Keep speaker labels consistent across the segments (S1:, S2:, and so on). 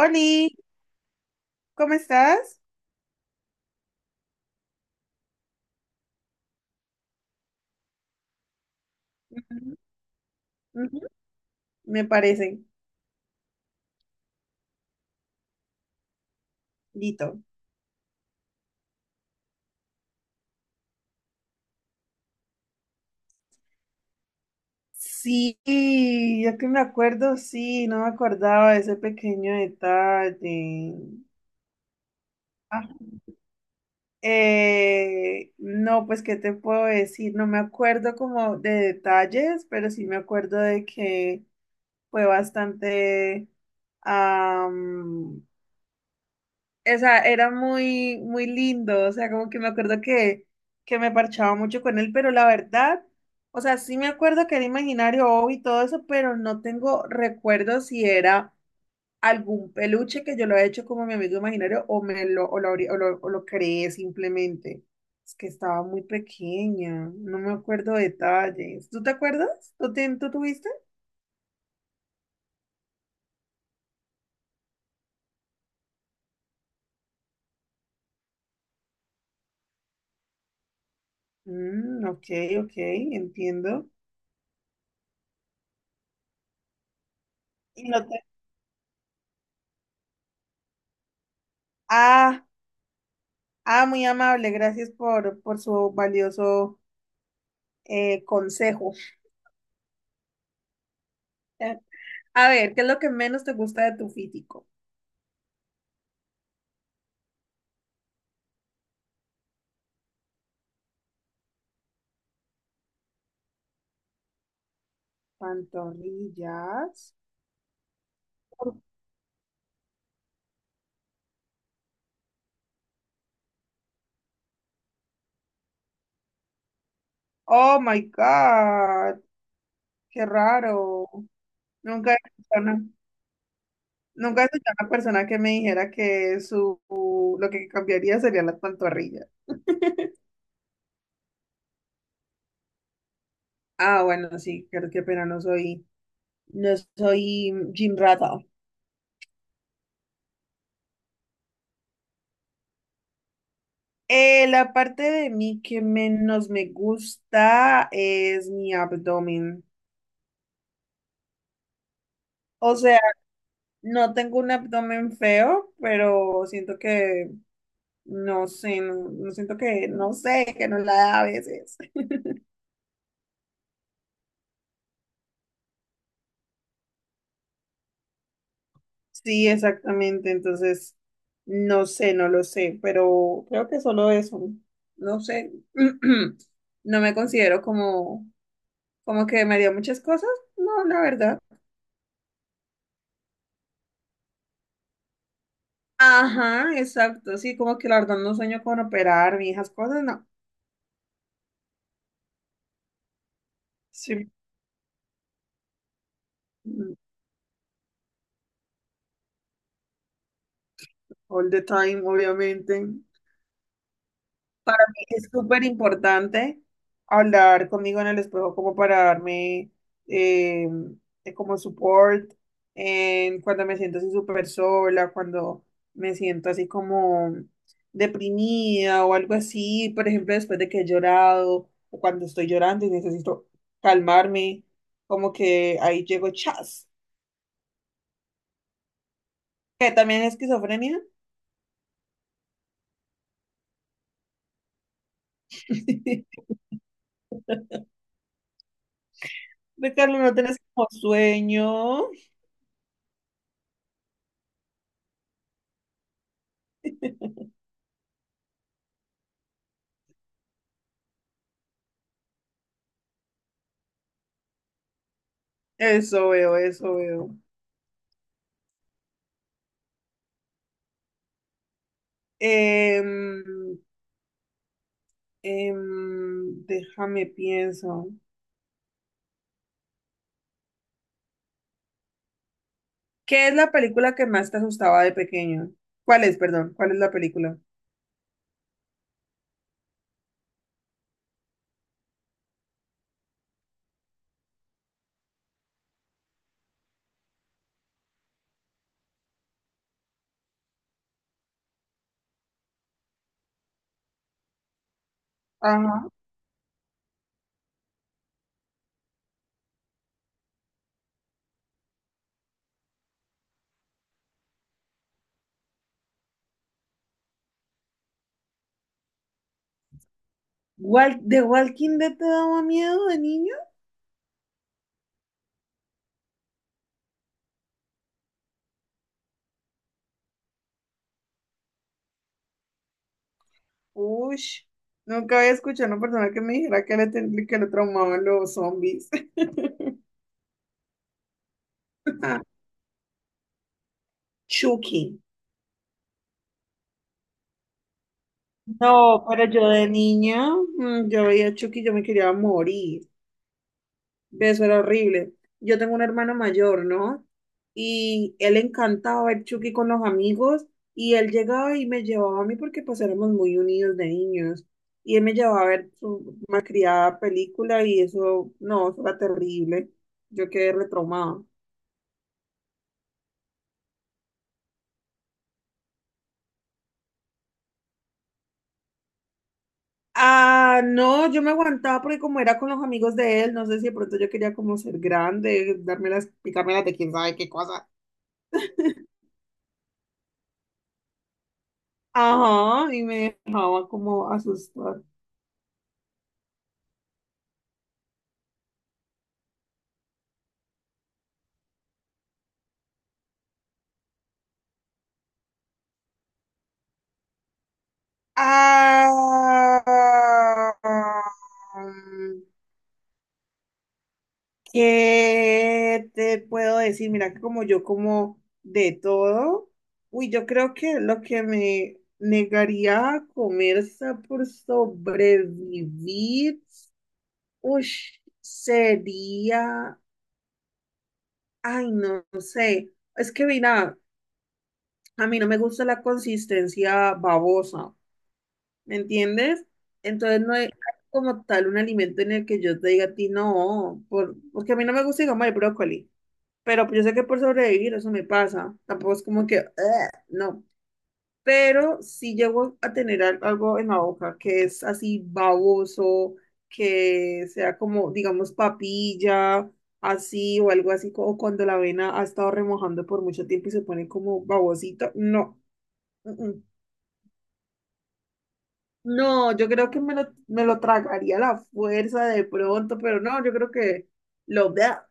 S1: Oli, ¿cómo estás? Ujú, ujú. Me parece. Lito. Sí, yo que me acuerdo, sí, no me acordaba de ese pequeño detalle. Ah, no, pues, ¿qué te puedo decir? No me acuerdo como de detalles, pero sí me acuerdo de que fue bastante, am, o sea, era muy, muy lindo, o sea, como que me acuerdo que me parchaba mucho con él, pero la verdad, o sea, sí me acuerdo que era imaginario oh, y todo eso, pero no tengo recuerdo si era algún peluche que yo lo he hecho como mi amigo imaginario o me lo, o lo, o lo, o lo creé simplemente. Es que estaba muy pequeña, no me acuerdo detalles. ¿Tú te acuerdas? ¿Tú, tú tuviste? Mm, ok, ok, entiendo. Y no te... Ah. Ah, muy amable, gracias por su valioso consejo. Eh, A ver, ¿qué es lo que menos te gusta de tu físico? Pantorrillas. Oh my God, qué raro. Nunca he escuchado una, nunca he escuchado una persona que me dijera que su lo que cambiaría serían las pantorrillas. Ah, bueno, sí, creo que pena no soy, no soy gym rata. La parte de mí que menos me gusta es mi abdomen. O sea, no tengo un abdomen feo, pero siento que, no sé, no siento que, no sé, que no la da a veces. Sí, exactamente. Entonces, no sé, no lo sé, pero creo que solo eso. No sé. No me considero como, como que me dio muchas cosas. No, la verdad. Ajá, exacto. Sí, como que la verdad no sueño con operar y esas cosas, no. Sí. Mm, all the time, obviamente. Es súper importante hablar conmigo en el espejo como para darme eh, como support en cuando me siento así súper sola, cuando me siento así como deprimida o algo así, por ejemplo, después de que he llorado o cuando estoy llorando y necesito calmarme, como que ahí llego chas. Que también es esquizofrenia. Ricardo, no tenés como sueño. Eso veo, eso veo. Em, déjame pienso. ¿Qué es la película que más te asustaba de pequeño? ¿Cuál es, perdón? ¿Cuál es la película? Ajá. ¿The Walking Dead te daba miedo de niño? Uy, nunca había escuchado a una persona que me dijera que le, que le traumaban los zombies. Chucky. No, pero yo de niña, mm, yo veía a Chucky, yo me quería morir. Eso era horrible. Yo tengo un hermano mayor, ¿no? Y él encantaba ver Chucky con los amigos y él llegaba y me llevaba a mí porque pues éramos muy unidos de niños. Y él me llevaba a ver su malcriada película y eso, no, eso era terrible. Yo quedé retraumada. Ah, no, yo me aguantaba porque como era con los amigos de él, no sé si de pronto yo quería como ser grande, darme las, picarme las de quién sabe qué cosa. Ajá, y me dejaba como asustar. Ah, ¿qué te puedo decir? Mira que como yo como de todo, uy, yo creo que lo que me negaría a comer por sobrevivir, uy, sería, ay, no sé, es que mira, a mí no me gusta la consistencia babosa. ¿Me entiendes? Entonces no hay como tal un alimento en el que yo te diga a ti no, por, porque a mí no me gusta digamos el brócoli, pero yo sé que por sobrevivir eso me pasa, tampoco es como que "ugh", no, pero si llego a tener algo en la boca que es así baboso, que sea como digamos papilla, así o algo así, o cuando la avena ha estado remojando por mucho tiempo y se pone como babosito, no. Mm, mm. No, yo creo que me lo tragaría a la fuerza de pronto, pero no, yo creo que lo vea.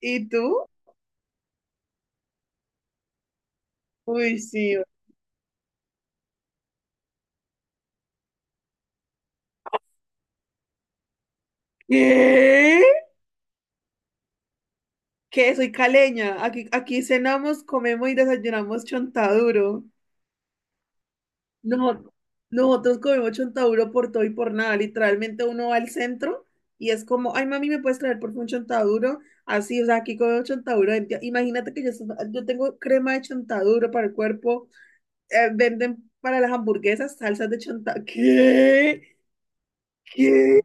S1: ¿Y tú? Uy, sí. ¿Qué? ¿Qué? Soy caleña. Aquí, aquí cenamos, comemos y desayunamos chontaduro. No, nosotros comemos chontaduro por todo y por nada. Literalmente uno va al centro y es como, ay, mami, ¿me puedes traer por favor un chontaduro? Así, o sea, aquí comemos chontaduro. Imagínate que yo, yo tengo crema de chontaduro para el cuerpo venden para las hamburguesas salsas de chontaduro. ¿Qué? ¿Qué?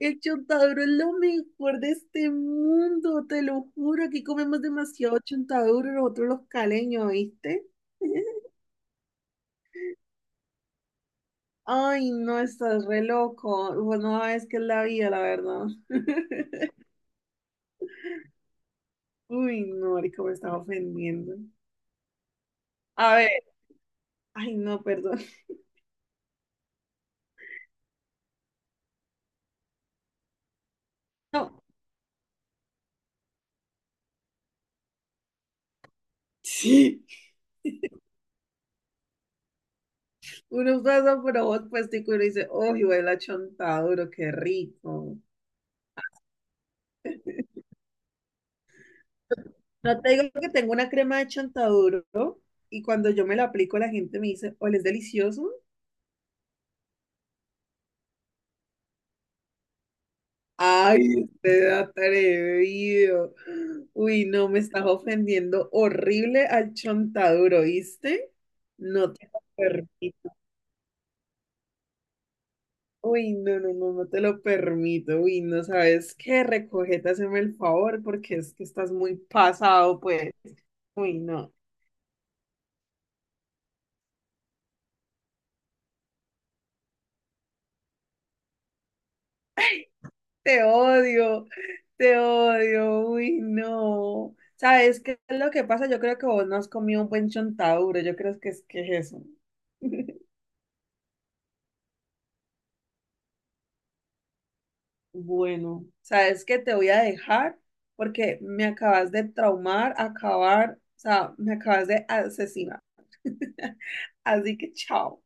S1: El chontaduro es lo mejor de este mundo, te lo juro. Aquí comemos demasiado chontaduro, nosotros los caleños, ¿viste? Ay, no, estás re loco. Bueno, no, es que es la vida, la verdad. Uy, no, marica, me estaba ofendiendo. A ver, ay, no, perdón. No. Sí, uno pasa por vos, pues, y uno dice, uy, huele a chontaduro, qué rico. No te digo que tengo una crema de chontaduro y cuando yo me la aplico la gente me dice, ¿o es delicioso? Ay, usted atrevido. Uy, no, me estás ofendiendo horrible al chontaduro, ¿viste? No te lo permito. Uy, no, no, no, no te lo permito. Uy, no sabes qué, recógete, hazme el favor, porque es que estás muy pasado, pues. Uy, no. Te odio, te odio, uy, no. ¿Sabes qué es lo que pasa? Yo creo que vos no has comido un buen chontaduro, yo creo que es eso. Bueno, ¿sabes qué? Te voy a dejar porque me acabas de traumar, acabar, o sea, me acabas de asesinar. Así que chao.